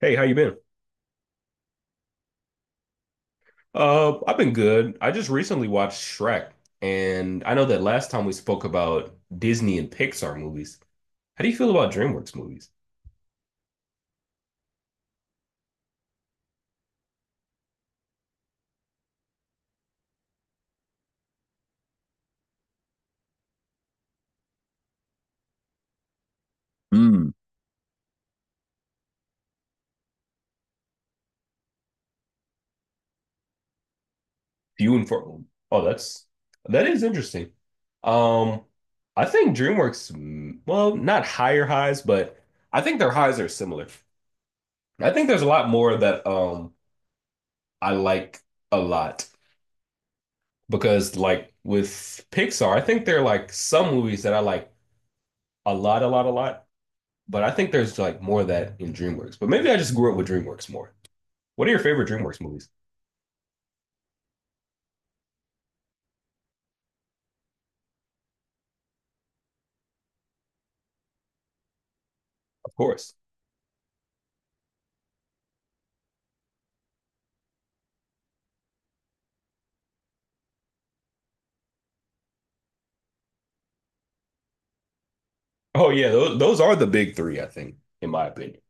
Hey, how you been? I've been good. I just recently watched Shrek, and I know that last time we spoke about Disney and Pixar movies. How do you feel about DreamWorks movies? Mm. Few and far. Oh, that is interesting. Um, I think DreamWorks, well, not higher highs, but I think their highs are similar. I think there's a lot more that I like a lot because like with Pixar, I think there are like some movies that I like a lot, a lot, a lot. But I think there's like more of that in DreamWorks. But maybe I just grew up with DreamWorks more. What are your favorite DreamWorks movies? Of course. Oh yeah, those are the big three, I think, in my opinion.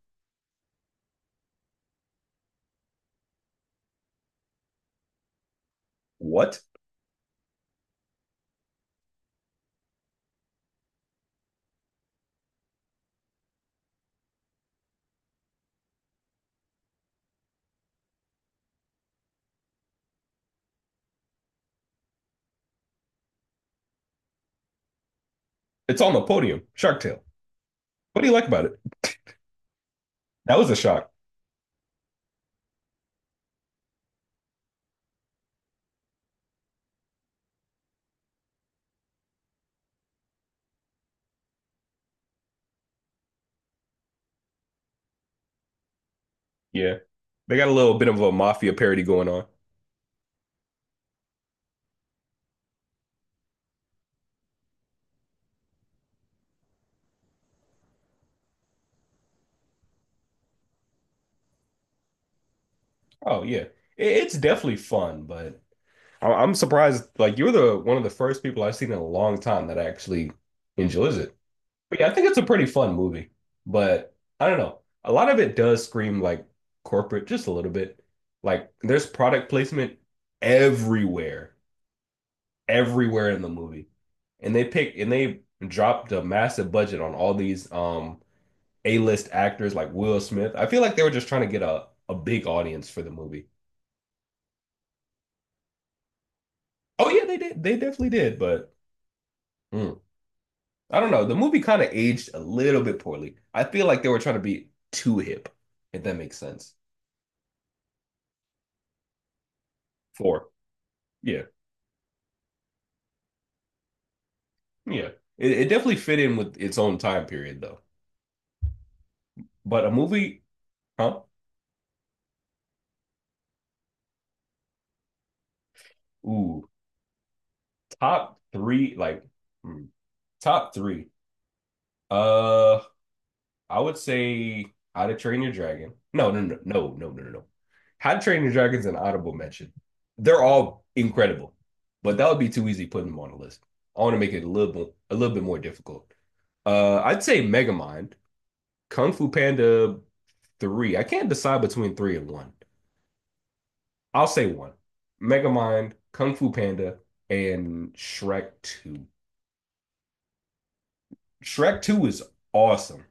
What? It's on the podium. Shark Tale. What do you like about it? That was a shock. Yeah, they got a little bit of a mafia parody going on. Oh yeah, it's definitely fun, but I'm surprised. Like you're the one of the first people I've seen in a long time that actually enjoys it. But yeah, I think it's a pretty fun movie, but I don't know. A lot of it does scream like corporate, just a little bit. Like there's product placement everywhere, everywhere in the movie. And they pick and they dropped a massive budget on all these A-list actors like Will Smith. I feel like they were just trying to get a big audience for the movie. Oh yeah, they did. They definitely did, but mm, I don't know. The movie kind of aged a little bit poorly. I feel like they were trying to be too hip, if that makes sense. Four. Yeah, yeah. It definitely fit in with its own time period though. But a movie, huh? Ooh, top three, like hmm, top three. Uh, I would say How to Train Your Dragon. No, no, no, no, no, no, no, no. How to Train Your Dragon's an audible mention. They're all incredible, but that would be too easy putting them on a list. I want to make it a little bit more difficult. I'd say Megamind, Kung Fu Panda three. I can't decide between three and one. I'll say one. Megamind, Kung Fu Panda, and Shrek 2. Shrek 2 is awesome,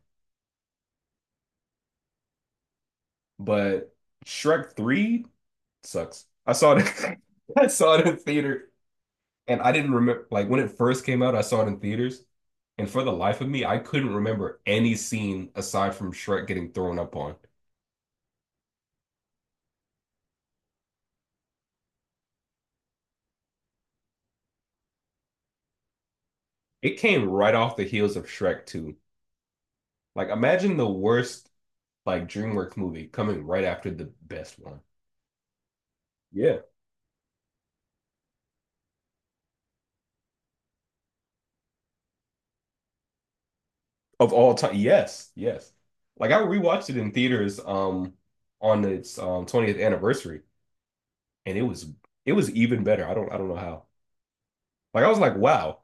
but Shrek 3 sucks. I saw it I saw it in theater and I didn't remember like when it first came out, I saw it in theaters. And for the life of me, I couldn't remember any scene aside from Shrek getting thrown up on. It came right off the heels of Shrek 2. Like imagine the worst like DreamWorks movie coming right after the best one. Yeah. Of all time, yes, yes. Like I rewatched it in theaters on its 20th anniversary, and it was even better. I don't know how. Like I was like, wow,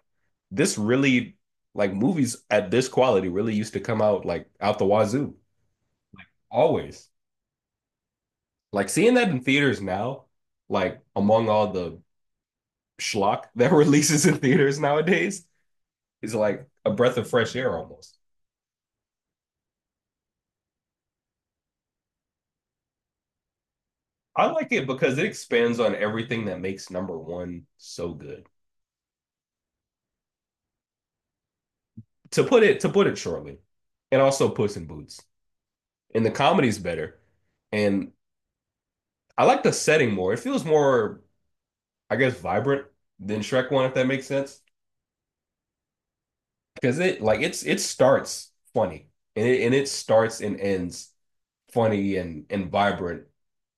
this really like movies at this quality really used to come out like out the wazoo always. Like seeing that in theaters now, like among all the schlock that releases in theaters nowadays, is like a breath of fresh air almost. I like it because it expands on everything that makes number one so good. To put it shortly, and also Puss in Boots. And the comedy's better, and I like the setting more. It feels more, I guess, vibrant than Shrek One, if that makes sense. Because it starts funny, and it starts and ends funny and vibrant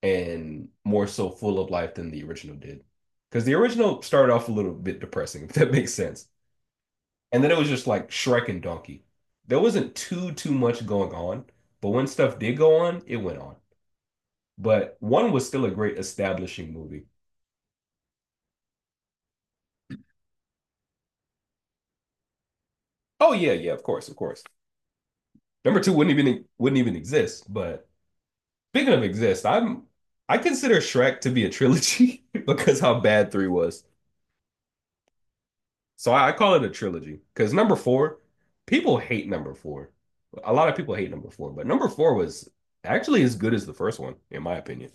and more so full of life than the original did. Because the original started off a little bit depressing, if that makes sense. And then it was just like Shrek and Donkey. There wasn't too much going on, but when stuff did go on, it went on. But one was still a great establishing movie. Oh yeah, yeah, of course, of course. Number two wouldn't even exist. But speaking of exist, I consider Shrek to be a trilogy because how bad three was. So I call it a trilogy because number four, people hate number four. A lot of people hate number four, but number four was actually as good as the first one, in my opinion.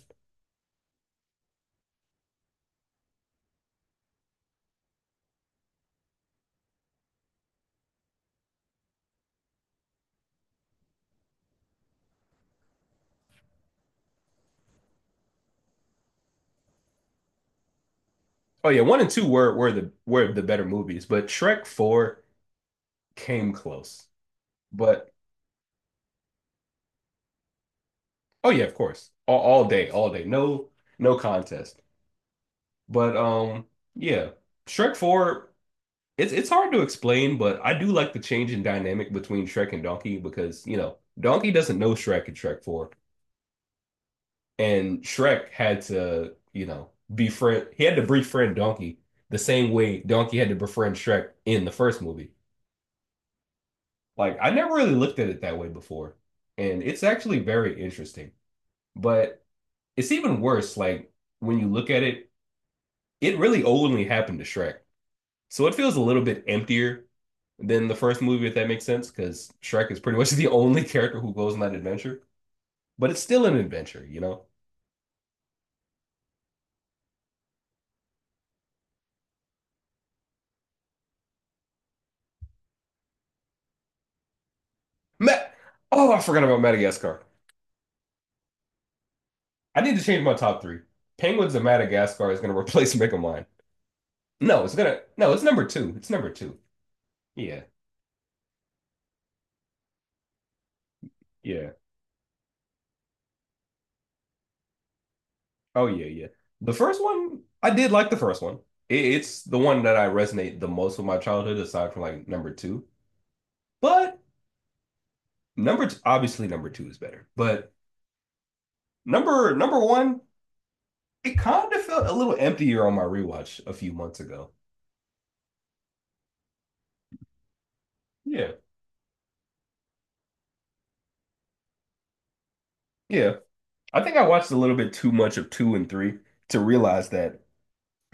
Oh yeah, one and two were the better movies, but Shrek 4 came close. But oh yeah, of course. All day, all day. No, no contest. But yeah, Shrek 4, it's hard to explain, but I do like the change in dynamic between Shrek and Donkey because Donkey doesn't know Shrek in Shrek 4 and Shrek had to befriend Donkey the same way Donkey had to befriend Shrek in the first movie. Like I never really looked at it that way before. And it's actually very interesting. But it's even worse, like when you look at it, it really only happened to Shrek. So it feels a little bit emptier than the first movie, if that makes sense, because Shrek is pretty much the only character who goes on that adventure. But it's still an adventure, you know? Ma- oh, I forgot about Madagascar. I need to change my top three. Penguins of Madagascar is gonna replace Megamind. No, it's gonna no, it's number two. It's number two. Yeah, yeah. Oh yeah, yeah. The first one, I did like the first one. It's the one that I resonate the most with my childhood, aside from like number two. But number t obviously number two is better. But number one, it kind of felt a little emptier on my rewatch a few months ago. Yeah, yeah. I think I watched a little bit too much of two and three to realize that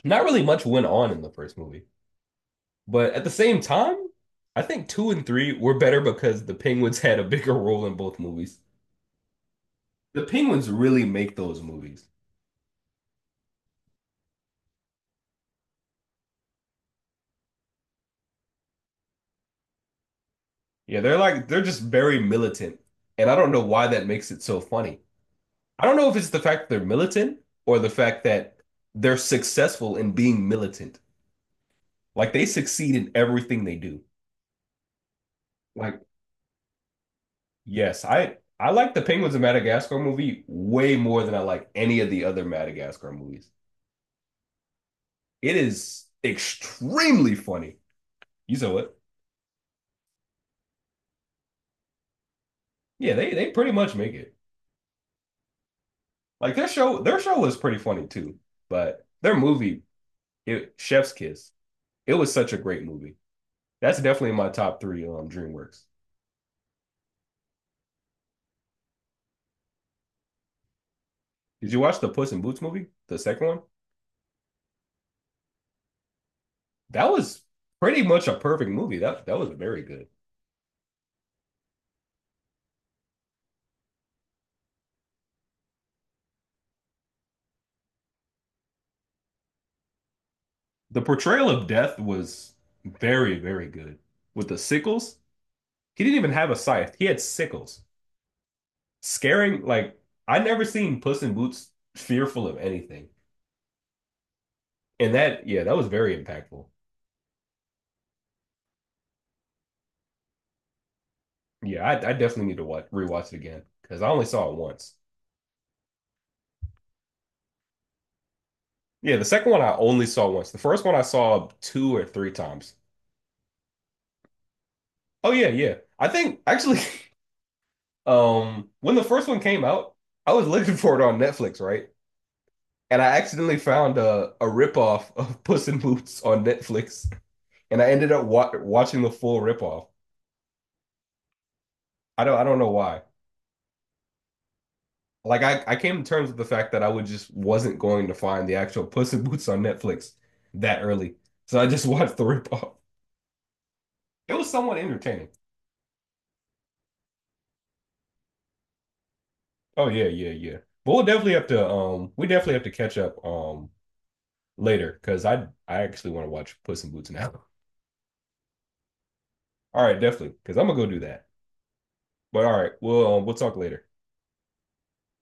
not really much went on in the first movie. But at the same time, I think two and three were better because the Penguins had a bigger role in both movies. The Penguins really make those movies. Yeah, they're just very militant, and I don't know why that makes it so funny. I don't know if it's the fact that they're militant or the fact that they're successful in being militant. Like they succeed in everything they do. Like, yes, I like the Penguins of Madagascar movie way more than I like any of the other Madagascar movies. It is extremely funny. You saw it. Yeah, they pretty much make it. Like their show was pretty funny too, but their movie, it Chef's Kiss. It was such a great movie. That's definitely my top three DreamWorks. Did you watch the Puss in Boots movie, the second one? That was pretty much a perfect movie. That was very good. The portrayal of death was very, very good. With the sickles, he didn't even have a scythe. He had sickles. Scaring like I never seen Puss in Boots fearful of anything. And that, yeah, that was very impactful. Yeah, I definitely need to watch rewatch it again because I only saw it once. Yeah, the second one I only saw once. The first one I saw two or three times. Oh yeah, yeah. I think actually, when the first one came out, I was looking for it on Netflix, right? And I accidentally found a ripoff of Puss in Boots on Netflix, and I ended up wa watching the full ripoff. I don't know why. Like I came to terms with the fact that I would just wasn't going to find the actual Puss in Boots on Netflix that early, so I just watched the ripoff. It was somewhat entertaining. Oh yeah, yeah, yeah. But we definitely have to catch up later because I actually want to watch Puss in Boots now. All right, definitely because I'm gonna go do that. But all right, we'll talk later.